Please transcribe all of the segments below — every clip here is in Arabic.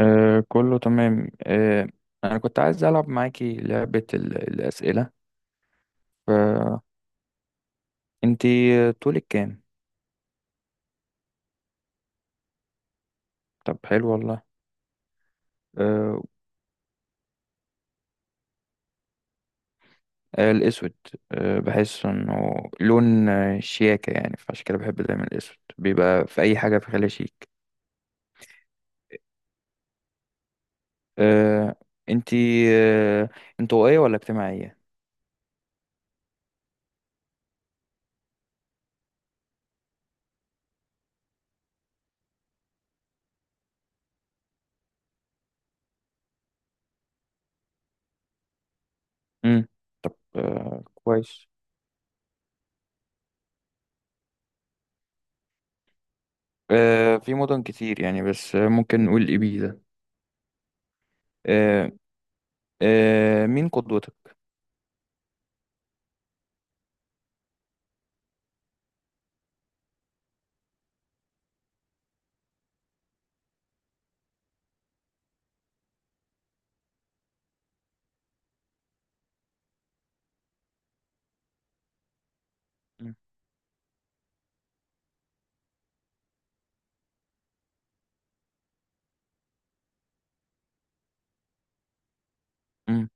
آه كله تمام أنا كنت عايز ألعب معاكي لعبة الأسئلة. فأنتي طولك كام؟ طب حلو والله. آه. الأسود. بحس إنه لون شياكة، يعني فعشان كده بحب دايما الأسود بيبقى في أي حاجة، في خلال شيك. آه أنتي آه انطوائية ولا اجتماعية؟ مم. كويس. في مدن كتير يعني، بس ممكن نقول إبيزا. آه. مين قدوتك؟ مم.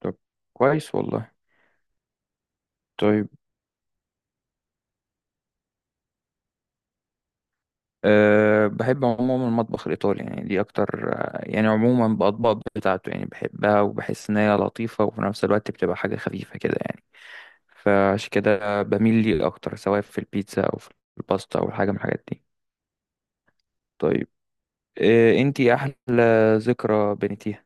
طب كويس والله. طيب. بحب عموما المطبخ الإيطالي، يعني دي أكتر يعني عموما بأطباق بتاعته يعني، بحبها وبحس إن هي لطيفة وفي نفس الوقت بتبقى حاجة خفيفة كده يعني. فعشان كده بميل ليه أكتر سواء في البيتزا أو في الباستا أو حاجة من الحاجات دي. طيب. أنتي أحلى ذكرى بنيتيها.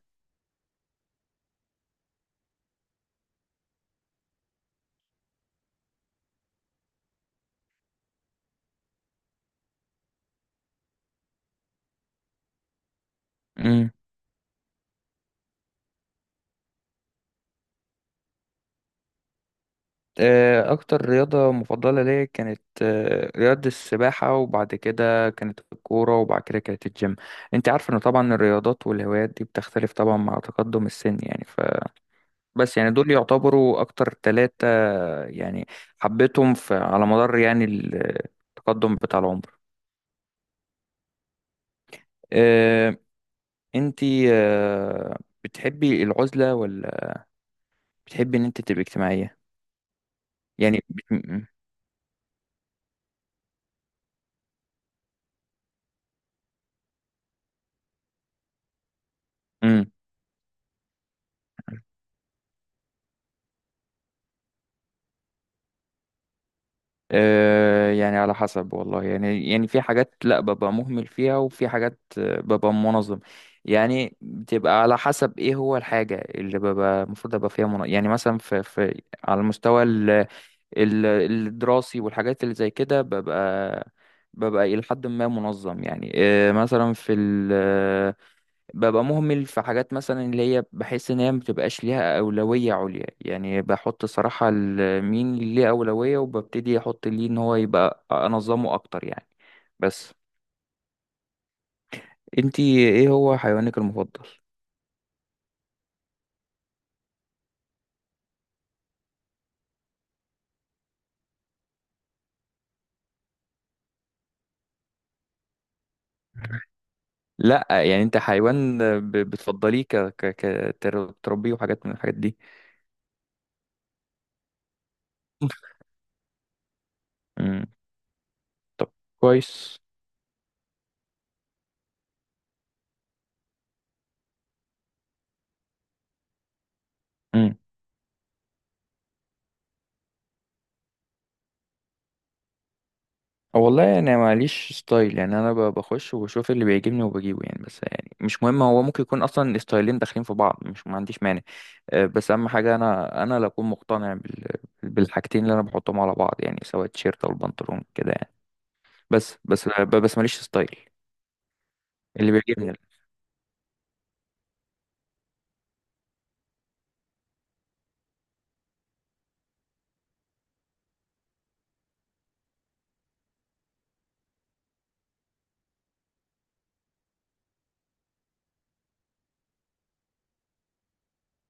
أكتر رياضة مفضلة ليا كانت رياضة السباحة، وبعد كده كانت الكورة، وبعد كده كانت الجيم. أنت عارف إن طبعا الرياضات والهوايات دي بتختلف طبعا مع تقدم السن يعني. فبس يعني دول يعتبروا أكتر ثلاثة، يعني حبيتهم في على مدار يعني التقدم بتاع العمر. آه، أنت آه، بتحبي العزلة ولا بتحبي إن أنت تبقي اجتماعية؟ يعني بت... م- م- يعني على حسب والله، يعني يعني في حاجات لا ببقى مهمل فيها، وفي حاجات ببقى منظم. يعني بتبقى على حسب ايه هو الحاجة اللي ببقى المفروض ابقى فيها منظم، يعني مثلا في على المستوى الدراسي والحاجات اللي زي كده، ببقى إلى حد ما منظم يعني. مثلا في ببقى مهمل في حاجات، مثلا اللي هي بحس ان هي مبتبقاش ليها اولويه عليا، يعني بحط صراحه مين اللي ليه اولويه وببتدي احط ليه ان هو يبقى انظمه اكتر يعني. بس. انتي ايه هو حيوانك المفضل؟ لا يعني انت حيوان بتفضليه تربيه وحاجات من الحاجات دي؟ مم. طب كويس. والله انا ماليش ستايل، يعني انا بخش وبشوف اللي بيعجبني وبجيبه يعني. بس يعني مش مهم، هو ممكن يكون اصلا ستايلين داخلين في بعض، مش ما عنديش مانع. بس اهم حاجه انا اللي اكون مقتنع بالحاجتين اللي انا بحطهم على بعض، يعني سواء التيشيرت او البنطلون كده يعني. بس ماليش ستايل. اللي بيعجبني.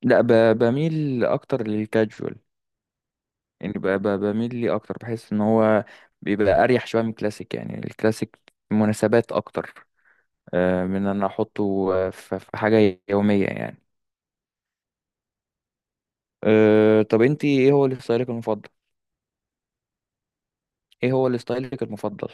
لا بميل اكتر للكاجوال. يعني بميل ليه اكتر، بحس ان هو بيبقى اريح شويه من الكلاسيك، يعني الكلاسيك مناسبات اكتر من ان انا احطه في في حاجة يومية يعني. طب انت ايه هو الستايلك المفضل؟ ايه هو الستايلك المفضل؟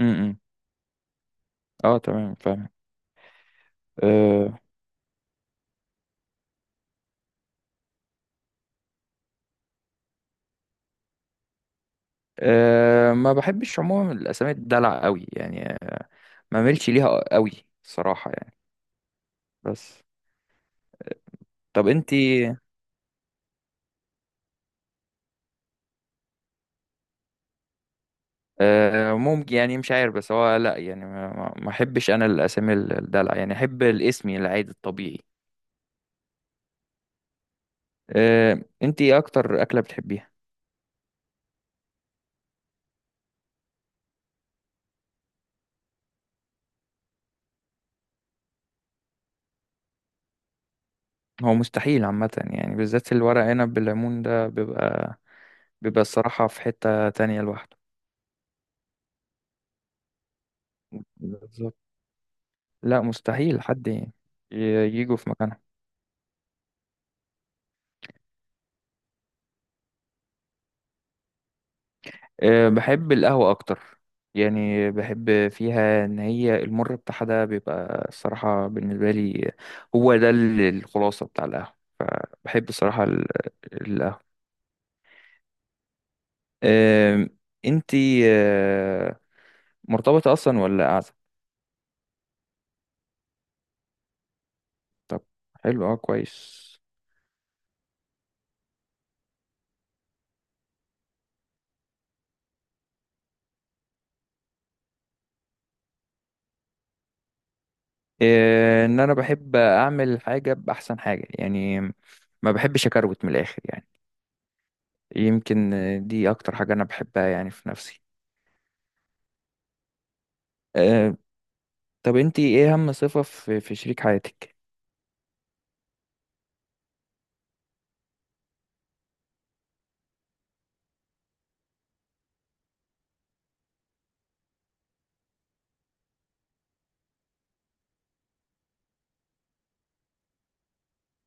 امم. إمم. اه تمام فاهم. أه أه ما بحبش عموما الاسامي الدلع قوي، يعني ما ملش ليها قوي الصراحة يعني. بس. طب انت. ممكن يعني، مش عارف، بس هو لا يعني ما احبش انا الاسامي الدلع، يعني احب الاسم العادي الطبيعي. انت ايه اكتر اكلة بتحبيها؟ هو مستحيل عامة يعني، بالذات الورق عنب بالليمون ده بيبقى، الصراحة في حتة تانية لوحده. بالظبط. لا مستحيل حد يجوا في مكانها. بحب القهوة أكتر. يعني بحب فيها إن هي المر بتاعها ده بيبقى الصراحة بالنسبة لي هو ده الخلاصة بتاع القهوة. بحب الصراحة القهوة. أه، انتي مرتبطة أصلا ولا قاعدة؟ طب حلو. اه كويس. إيه، ان انا بحب اعمل حاجه باحسن حاجه يعني، ما بحبش اكروت من الاخر يعني. يمكن دي اكتر حاجه انا بحبها يعني في نفسي. أه طب انتي ايه اهم صفه في شريك حياتك؟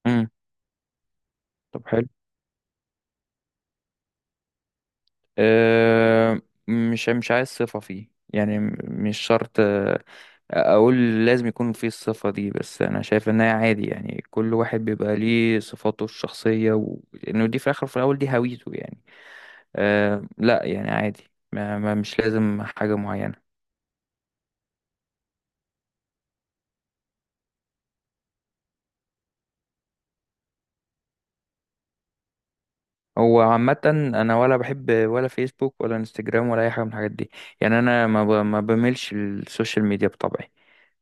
امم. طب حلو. أه مش عايز صفه فيه، يعني مش شرط اقول لازم يكون فيه الصفه دي. بس انا شايف انها عادي، يعني كل واحد بيبقى ليه صفاته الشخصيه وانه دي في الاخر في الاول دي هويته يعني. لا يعني عادي، مش لازم حاجة معينة. هو عامة أنا ولا بحب ولا فيسبوك ولا انستجرام ولا أي حاجة من الحاجات دي. يعني أنا ما بميلش السوشيال ميديا بطبعي.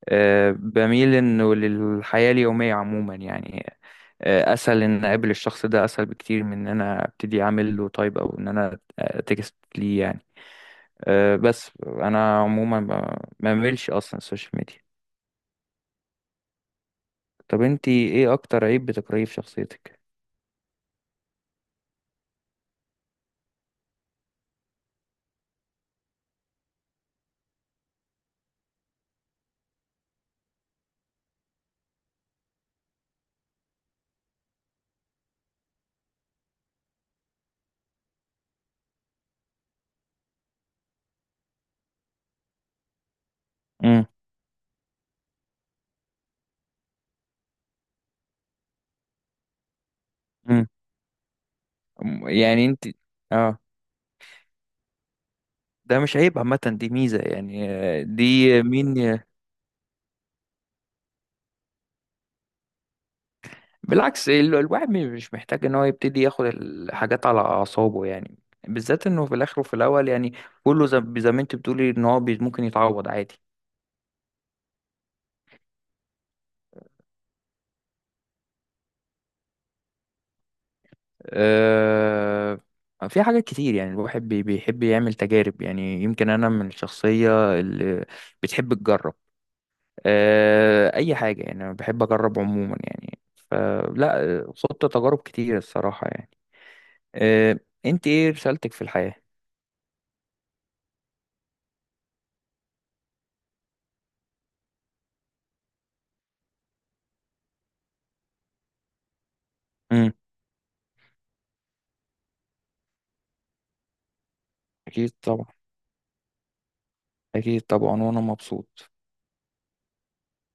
بميل إنه للحياة اليومية عموما يعني. أسهل إن أقابل الشخص ده، أسهل بكتير من إن أنا أبتدي أعمل له تايب، أو إن أنا تكست ليه يعني. بس أنا عموما ما بميلش أصلا السوشيال ميديا. طب أنتي إيه أكتر عيب بتكرهيه في شخصيتك؟ مم. يعني انت. اه. ده مش عيب عامة، دي ميزة يعني. بالعكس الواحد مش محتاج ان هو يبتدي ياخد الحاجات على اعصابه يعني، بالذات انه في الاخر وفي الاول يعني كله زي ما انت بتقولي ان هو ممكن يتعوض عادي. آه. في حاجات كتير يعني الواحد بيحب يعمل تجارب يعني، يمكن انا من الشخصية اللي بتحب تجرب. آه اي حاجة يعني، انا بحب اجرب عموما يعني. فلا خضت تجارب كتير الصراحة يعني. آه، انت ايه رسالتك في الحياة؟ امم. اكيد طبعا. اكيد طبعا وانا مبسوط.